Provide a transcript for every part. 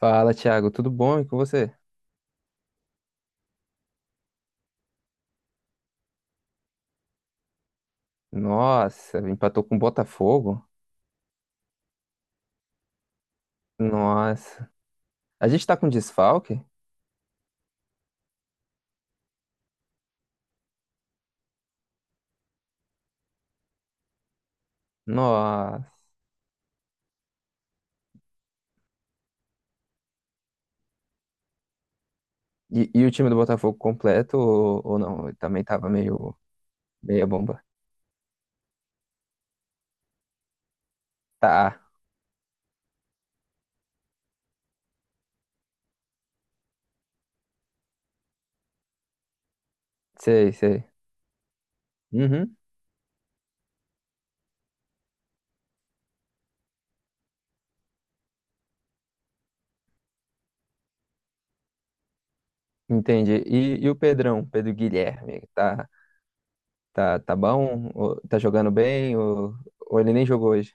Fala, Thiago, tudo bom? E com você? Nossa, empatou com o Botafogo? Nossa. A gente tá com desfalque? Nossa. E o time do Botafogo completo ou não? Ele também tava meio meia bomba. Tá, sei, sei. Uhum, entendi. E o Pedrão, Pedro Guilherme, tá bom? Ou tá jogando bem? Ou ele nem jogou hoje?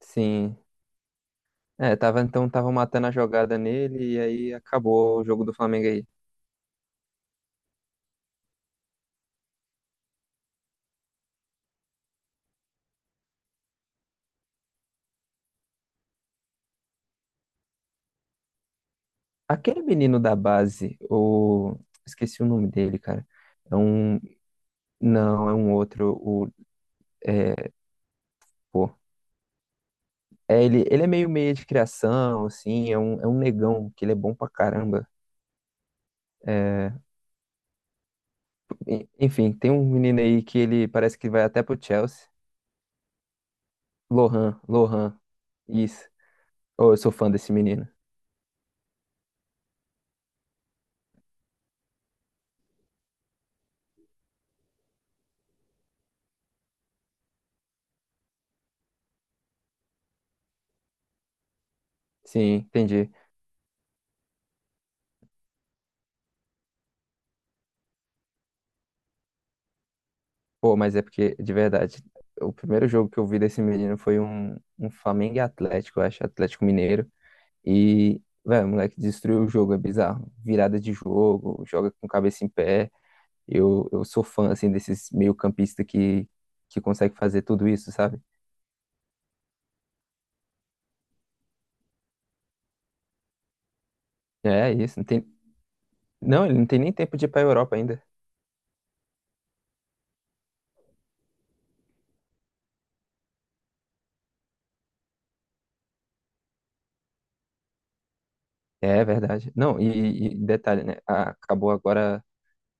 Sim. É, tava, então tava matando a jogada nele e aí acabou o jogo do Flamengo aí. Aquele menino da base, o... Esqueci o nome dele, cara. É um... Não, é um outro. O... É... Pô. É, ele é meio meio de criação, assim. É um negão, que ele é bom pra caramba. É... Enfim, tem um menino aí que ele parece que vai até pro Chelsea. Lohan, Lohan. Isso. Oh, eu sou fã desse menino. Sim, entendi. Pô, mas é porque, de verdade, o primeiro jogo que eu vi desse menino foi um Flamengo e Atlético, eu acho, Atlético Mineiro. E, velho, o moleque destruiu o jogo, é bizarro. Virada de jogo, joga com cabeça em pé. Eu sou fã, assim, desses meio-campista que consegue fazer tudo isso, sabe? É isso, não tem... Não, ele não tem nem tempo de ir pra Europa ainda. É verdade. Não, e detalhe, né? Acabou agora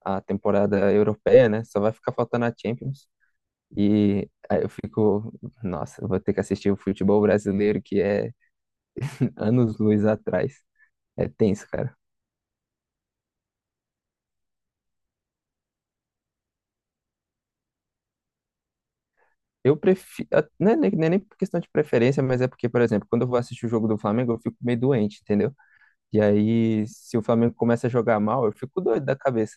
a temporada europeia, né? Só vai ficar faltando a Champions. E aí eu fico, nossa, eu vou ter que assistir o futebol brasileiro que é anos-luz atrás. É tenso, cara. Eu prefiro. Não é nem por questão de preferência, mas é porque, por exemplo, quando eu vou assistir o jogo do Flamengo, eu fico meio doente, entendeu? E aí, se o Flamengo começa a jogar mal, eu fico doido da cabeça.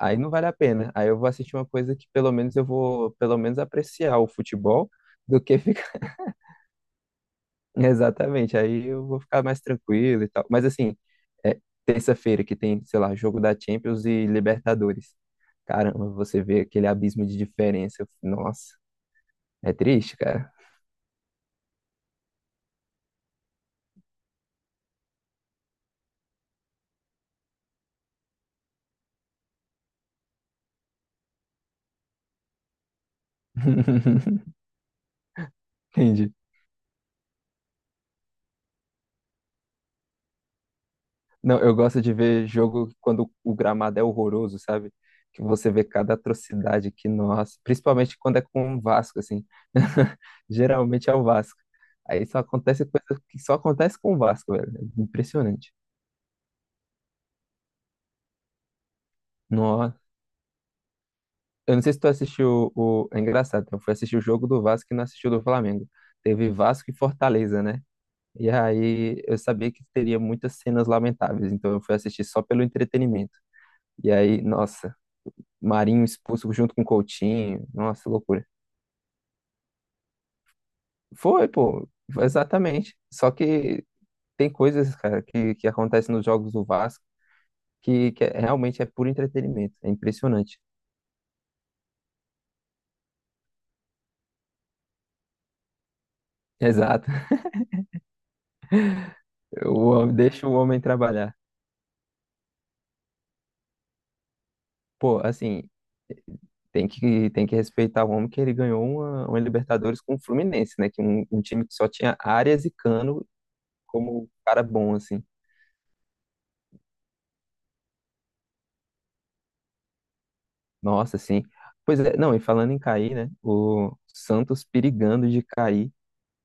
Aí não vale a pena. Aí eu vou assistir uma coisa que pelo menos eu vou, pelo menos apreciar o futebol do que ficar. Exatamente. Aí eu vou ficar mais tranquilo e tal. Mas assim, é terça-feira que tem, sei lá, jogo da Champions e Libertadores. Caramba, você vê aquele abismo de diferença. Nossa, é triste, cara. Entendi. Não, eu gosto de ver jogo quando o gramado é horroroso, sabe? Que você vê cada atrocidade que, nossa, principalmente quando é com o Vasco, assim. Geralmente é o Vasco. Aí só acontece coisa que só acontece com o Vasco, velho. É impressionante. Nossa. Eu não sei se tu assistiu o. É engraçado, eu fui assistir o jogo do Vasco e não assisti o do Flamengo. Teve Vasco e Fortaleza, né? E aí eu sabia que teria muitas cenas lamentáveis, então eu fui assistir só pelo entretenimento. E aí, nossa. Marinho expulso junto com o Coutinho. Nossa, loucura. Foi, pô, exatamente. Só que tem coisas, cara, que acontecem nos jogos do Vasco que, realmente é puro entretenimento. É impressionante. Exato. O homem, deixa o homem trabalhar. Pô, assim, tem que respeitar o homem que ele ganhou uma Libertadores com o Fluminense, né? Que um time que só tinha Arias e Cano como um cara bom, assim. Nossa, assim. Pois é, não, e falando em cair, né? O Santos perigando de cair.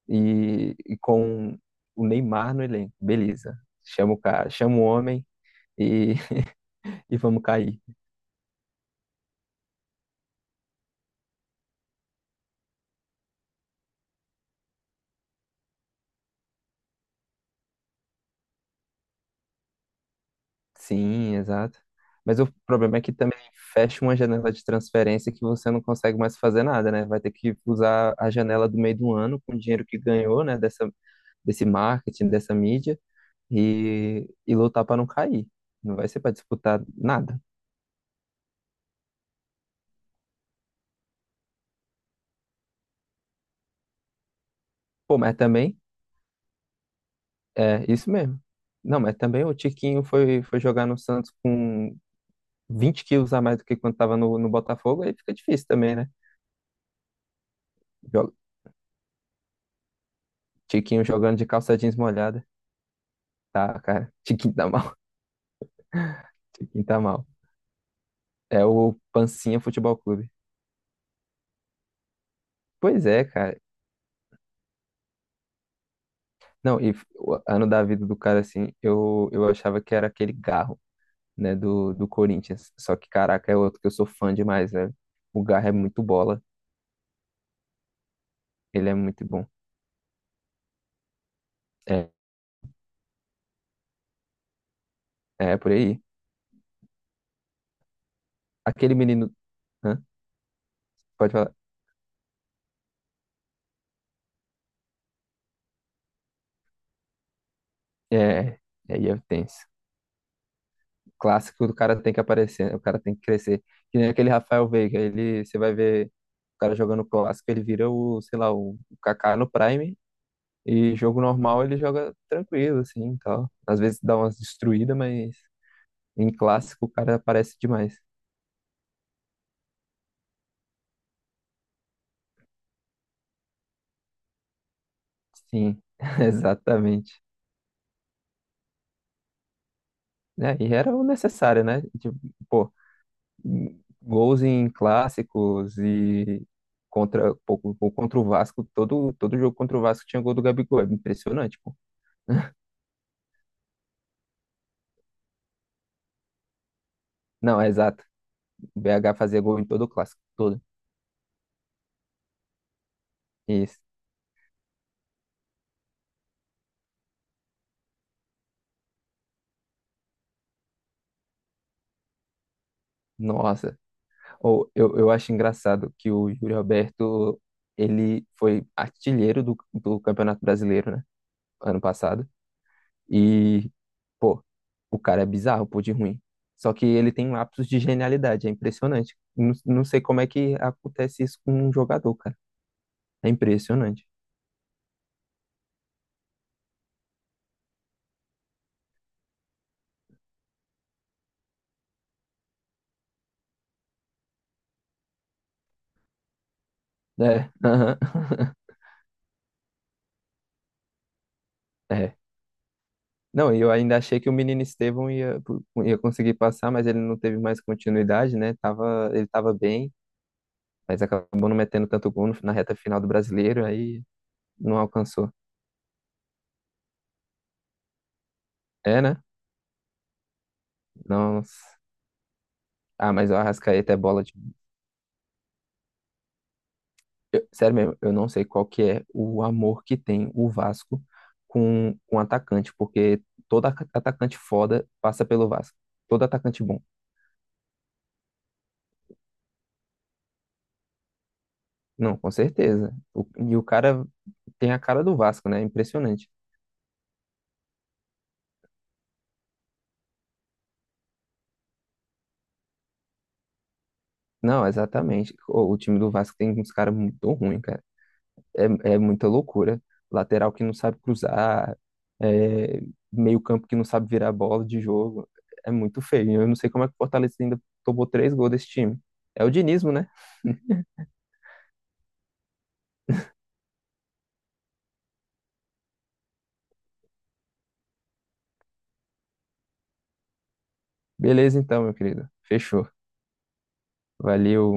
E com o Neymar no elenco. Beleza. Chama o cara, chama o homem e, e vamos cair. Sim, exato. Mas o problema é que também fecha uma janela de transferência que você não consegue mais fazer nada, né? Vai ter que usar a janela do meio do ano com o dinheiro que ganhou, né? Dessa, desse marketing, dessa mídia e lutar para não cair. Não vai ser para disputar nada. Pô, mas também é isso mesmo. Não, mas também o Tiquinho foi, foi jogar no Santos com 20 quilos a mais do que quando estava no, no Botafogo, aí fica difícil também, né? Joga- Tiquinho jogando de calça jeans molhada. Tá, cara. Tiquinho tá mal. Tiquinho tá mal. É o Pancinha Futebol Clube. Pois é, cara. Não, o ano da vida do cara, assim, eu achava que era aquele Garro, né, do, do Corinthians. Só que, caraca, é outro que eu sou fã demais, velho. O Garro é muito bola. Ele é muito bom. É, é por aí. Aquele menino. Hã? Pode falar. É, é tenso. Clássico do cara tem que aparecer, né? O cara tem que crescer. Que nem aquele Rafael Veiga, ele, você vai ver o cara jogando clássico, ele vira o, sei lá, o Kaká no Prime, e jogo normal ele joga tranquilo, assim, e tal. Às vezes dá umas destruídas, mas em clássico o cara aparece demais. Sim, exatamente. Né e era o necessário, né? Tipo, pô, gols em clássicos e contra, pô, pô, contra o Vasco, todo jogo contra o Vasco tinha gol do Gabigol, é impressionante. Não, é exato. O BH fazia gol em todo o clássico, todo. Isso. Nossa. Ou eu acho engraçado que o Yuri Alberto, ele foi artilheiro do, do Campeonato Brasileiro, né? Ano passado. E, pô, o cara é bizarro, pô, de ruim. Só que ele tem lapsos de genialidade, é impressionante. Não, não sei como é que acontece isso com um jogador, cara. É impressionante. É, aham. É, não, e eu ainda achei que o menino Estevão ia, ia conseguir passar, mas ele não teve mais continuidade, né? Tava, ele tava bem, mas acabou não metendo tanto gol na reta final do Brasileiro, aí não alcançou. É, né? Nossa. Ah, mas o Arrascaeta é bola de... sério mesmo, eu não sei qual que é o amor que tem o Vasco com um atacante, porque todo atacante foda passa pelo Vasco. Todo atacante bom. Não, com certeza. O- e o cara tem a cara do Vasco, né? É impressionante. Não, exatamente. O time do Vasco tem uns caras muito ruins, cara. É, é muita loucura. Lateral que não sabe cruzar, é, meio-campo que não sabe virar bola de jogo. É muito feio. Eu não sei como é que o Fortaleza ainda tomou três gols desse time. É o dinismo, né? Beleza, então, meu querido. Fechou. Valeu.